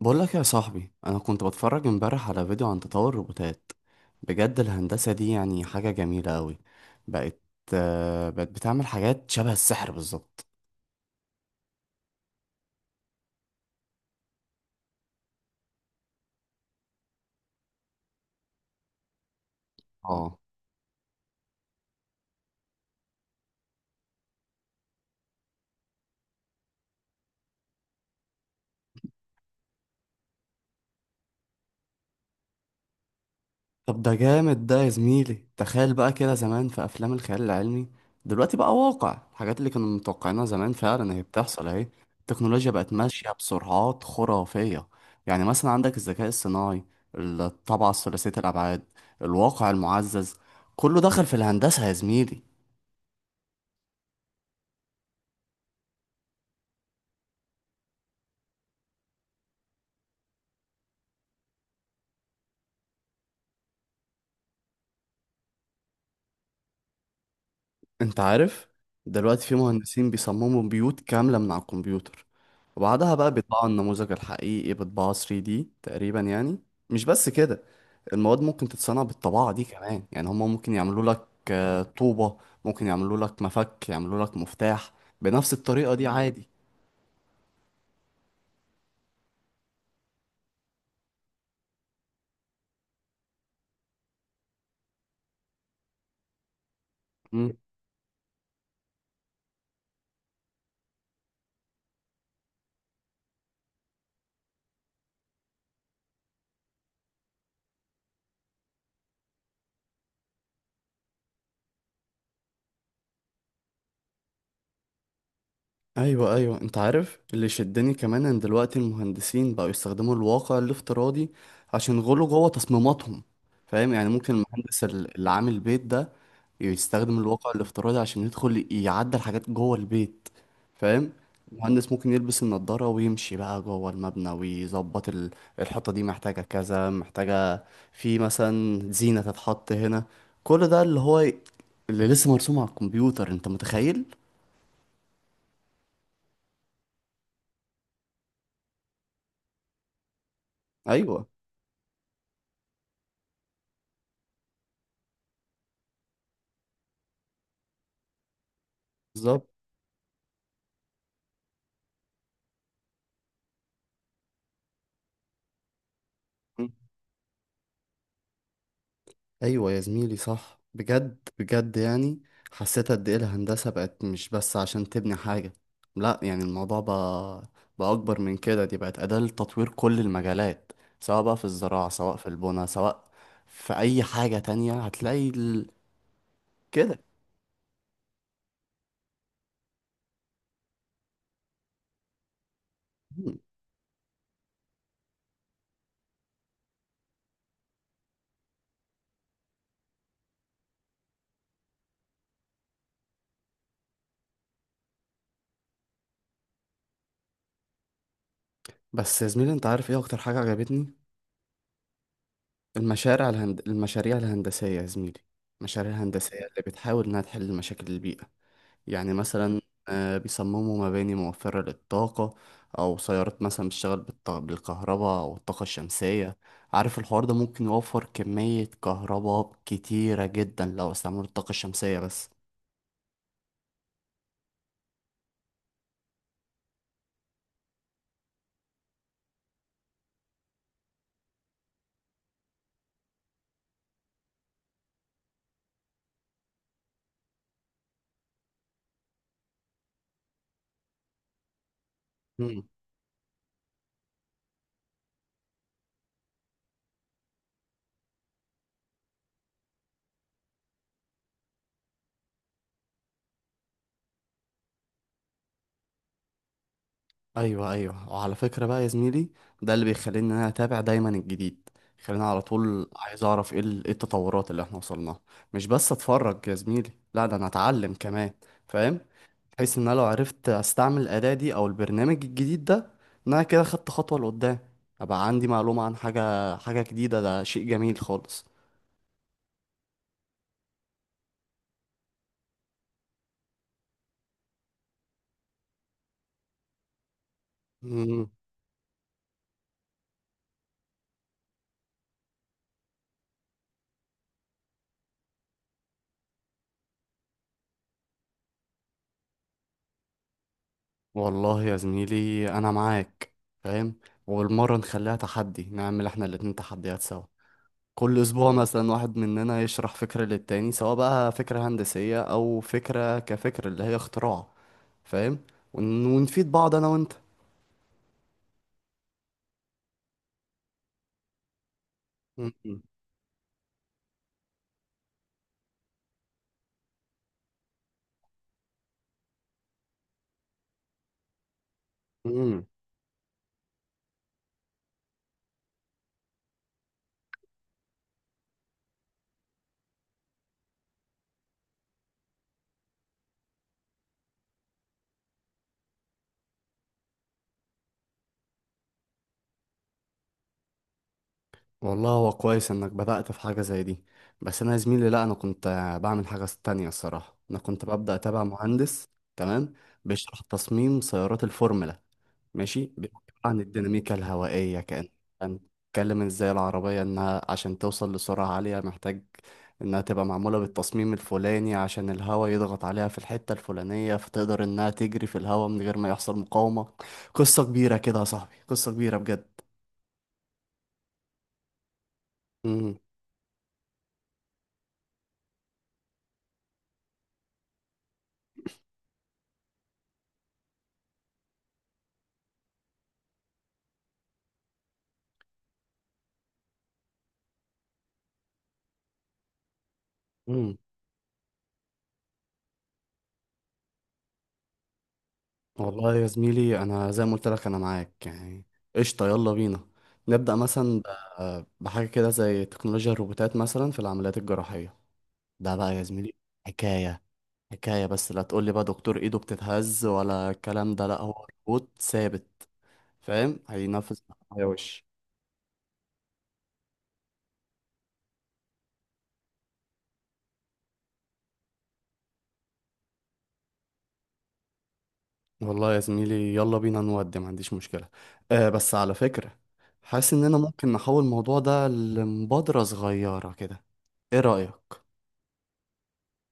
بقول لك يا صاحبي، انا كنت بتفرج امبارح على فيديو عن تطور الروبوتات. بجد الهندسة دي يعني حاجة جميلة قوي. بقت بقت بتعمل حاجات شبه السحر بالظبط. اه، طب ده جامد ده يا زميلي. تخيل بقى كده زمان في افلام الخيال العلمي، دلوقتي بقى واقع. الحاجات اللي كانوا متوقعينها زمان فعلا هي بتحصل اهي. التكنولوجيا بقت ماشية بسرعات خرافية. يعني مثلا عندك الذكاء الصناعي، الطابعة الثلاثية الابعاد، الواقع المعزز، كله دخل في الهندسة يا زميلي. انت عارف دلوقتي في مهندسين بيصمموا بيوت كاملة من على الكمبيوتر، وبعدها بقى بيطبعوا النموذج الحقيقي بطباعة 3D تقريبا يعني. مش بس كده، المواد ممكن تتصنع بالطباعة دي كمان. يعني هما ممكن يعملوا لك طوبة، ممكن يعملوا لك مفك، يعملوا لك مفتاح بنفس الطريقة دي عادي. ايوه ايوه، انت عارف اللي شدني كمان ان دلوقتي المهندسين بقوا يستخدموا الواقع الافتراضي عشان يغلوا جوه تصميماتهم. فاهم يعني ممكن المهندس اللي عامل بيت ده يستخدم الواقع الافتراضي عشان يدخل يعدل حاجات جوه البيت. فاهم، المهندس ممكن يلبس النضارة ويمشي بقى جوه المبنى ويظبط الحيطة دي محتاجة كذا، محتاجة في مثلا زينة تتحط هنا. كل ده اللي هو اللي لسه مرسوم على الكمبيوتر، انت متخيل. ايوه بالظبط. ايوه يا زميلي، صح بجد بجد يعني. حسيت قد ايه الهندسه بقت مش بس عشان تبني حاجه. لا يعني الموضوع بقى اكبر من كده. دي بقت اداه لتطوير كل المجالات، سواء بقى في الزراعه، سواء في البنى، سواء في اي حاجه تانية هتلاقي كده. مم. بس يا زميلي، انت عارف ايه اكتر حاجه عجبتني؟ المشاريع الهندسيه يا زميلي، المشاريع الهندسيه اللي بتحاول انها تحل مشاكل البيئه. يعني مثلا بيصمموا مباني موفرة للطاقة، أو سيارات مثلا بتشتغل بالكهرباء أو الطاقة الشمسية. عارف الحوار ده ممكن يوفر كمية كهرباء كتيرة جدا لو استعملوا الطاقة الشمسية بس. مم. أيوه أيوه، وعلى فكرة بقى يا زميلي، ده اللي بيخليني إن أنا أتابع دايما الجديد. خليني على طول عايز أعرف إيه إيه التطورات اللي إحنا وصلناها. مش بس أتفرج يا زميلي، لا ده أنا أتعلم كمان. فاهم، بحيث ان انا لو عرفت استعمل الاداة دي او البرنامج الجديد ده، ان انا كده خدت خطوة لقدام، ابقى عندي معلومة عن حاجة، حاجة جديدة. ده شيء جميل خالص. مم. والله يا زميلي انا معاك. فاهم، والمرة نخليها تحدي، نعمل احنا الاتنين تحديات سوا. كل اسبوع مثلا واحد مننا يشرح فكرة للتاني، سواء بقى فكرة هندسية او فكرة كفكرة اللي هي اختراع. فاهم ونفيد بعض انا وانت. مم. مم. والله هو كويس انك بدأت في حاجة زي دي. بس انا يا زميلي لا، انا كنت بعمل حاجة تانية. الصراحة انا كنت ببدأ اتابع مهندس. تمام، بيشرح تصميم سيارات الفورمولا. ماشي، بيحكي عن الديناميكا الهوائية كأن كان اتكلم ازاي العربية انها عشان توصل لسرعة عالية محتاج انها تبقى معمولة بالتصميم الفلاني عشان الهواء يضغط عليها في الحتة الفلانية فتقدر انها تجري في الهواء من غير ما يحصل مقاومة. قصة كبيرة كده يا صاحبي، قصة كبيرة بجد. امم. امم. والله يا زميلي، انا زي ما قلت لك انا معاك يعني. قشطه، يلا بينا نبدا مثلا بحاجه كده زي تكنولوجيا الروبوتات مثلا في العمليات الجراحيه. ده بقى يا زميلي حكايه، حكايه. بس لا تقول لي بقى دكتور ايده بتتهز ولا الكلام ده، لا هو روبوت ثابت. فاهم، هينفذ يا وش. والله يا زميلي يلا بينا نودي، ما عنديش مشكله. آه بس على فكره، حاسس اننا ممكن نحول الموضوع ده لمبادره صغيره كده. ايه رايك؟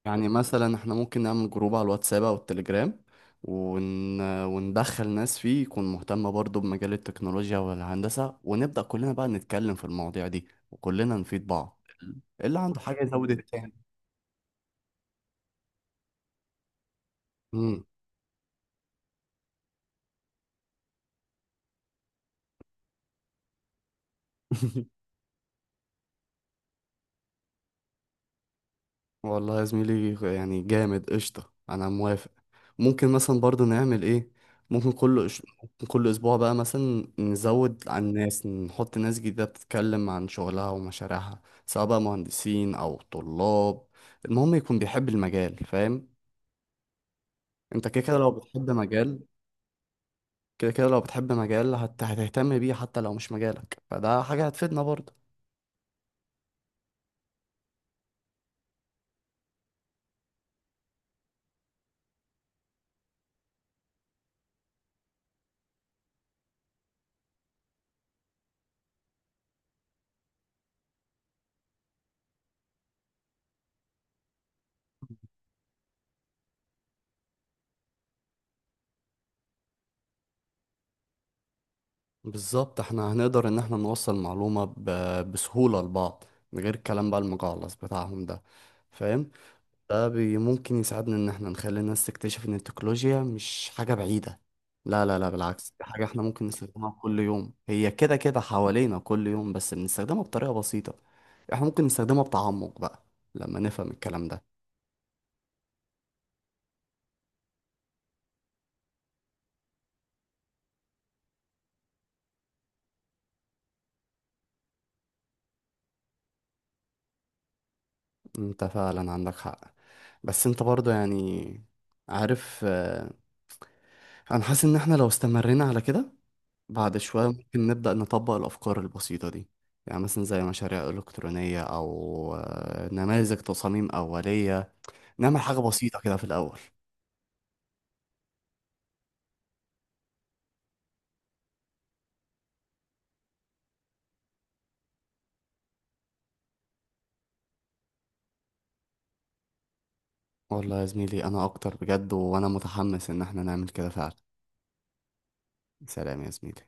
يعني مثلا احنا ممكن نعمل جروب على الواتساب او التليجرام، وندخل ناس فيه يكون مهتمة برضو بمجال التكنولوجيا والهندسة، ونبدأ كلنا بقى نتكلم في المواضيع دي وكلنا نفيد بعض. اللي عنده حاجة يزود التاني. مم. والله يا زميلي يعني جامد. قشطة أنا موافق. ممكن مثلا برضو نعمل إيه، ممكن ممكن كل أسبوع بقى مثلا نزود عن الناس، نحط ناس جديدة بتتكلم عن شغلها ومشاريعها، سواء بقى مهندسين أو طلاب. المهم يكون بيحب المجال. فاهم، أنت كده كده لو بتحب مجال، كده كده لو بتحب مجال هتهتم بيه حتى لو مش مجالك، فده حاجة هتفيدنا برضو. بالظبط، احنا هنقدر ان احنا نوصل معلومة بسهولة لبعض من غير الكلام بقى المجعلص بتاعهم ده. فاهم، ده بي ممكن يساعدنا ان احنا نخلي الناس تكتشف ان التكنولوجيا مش حاجة بعيدة. لا لا لا، بالعكس، دي حاجة احنا ممكن نستخدمها كل يوم. هي كده كده حوالينا كل يوم بس بنستخدمها بطريقة بسيطة. احنا ممكن نستخدمها بتعمق بقى لما نفهم الكلام ده. انت فعلا عندك حق. بس انت برضه يعني عارف انا حاسس ان احنا لو استمرينا على كده، بعد شوية ممكن نبدأ نطبق الأفكار البسيطة دي. يعني مثلا زي مشاريع إلكترونية أو نماذج تصاميم أولية، نعمل حاجة بسيطة كده في الأول. والله يا زميلي أنا أكتر بجد، وأنا متحمس إن احنا نعمل كده فعلا. سلام يا زميلي.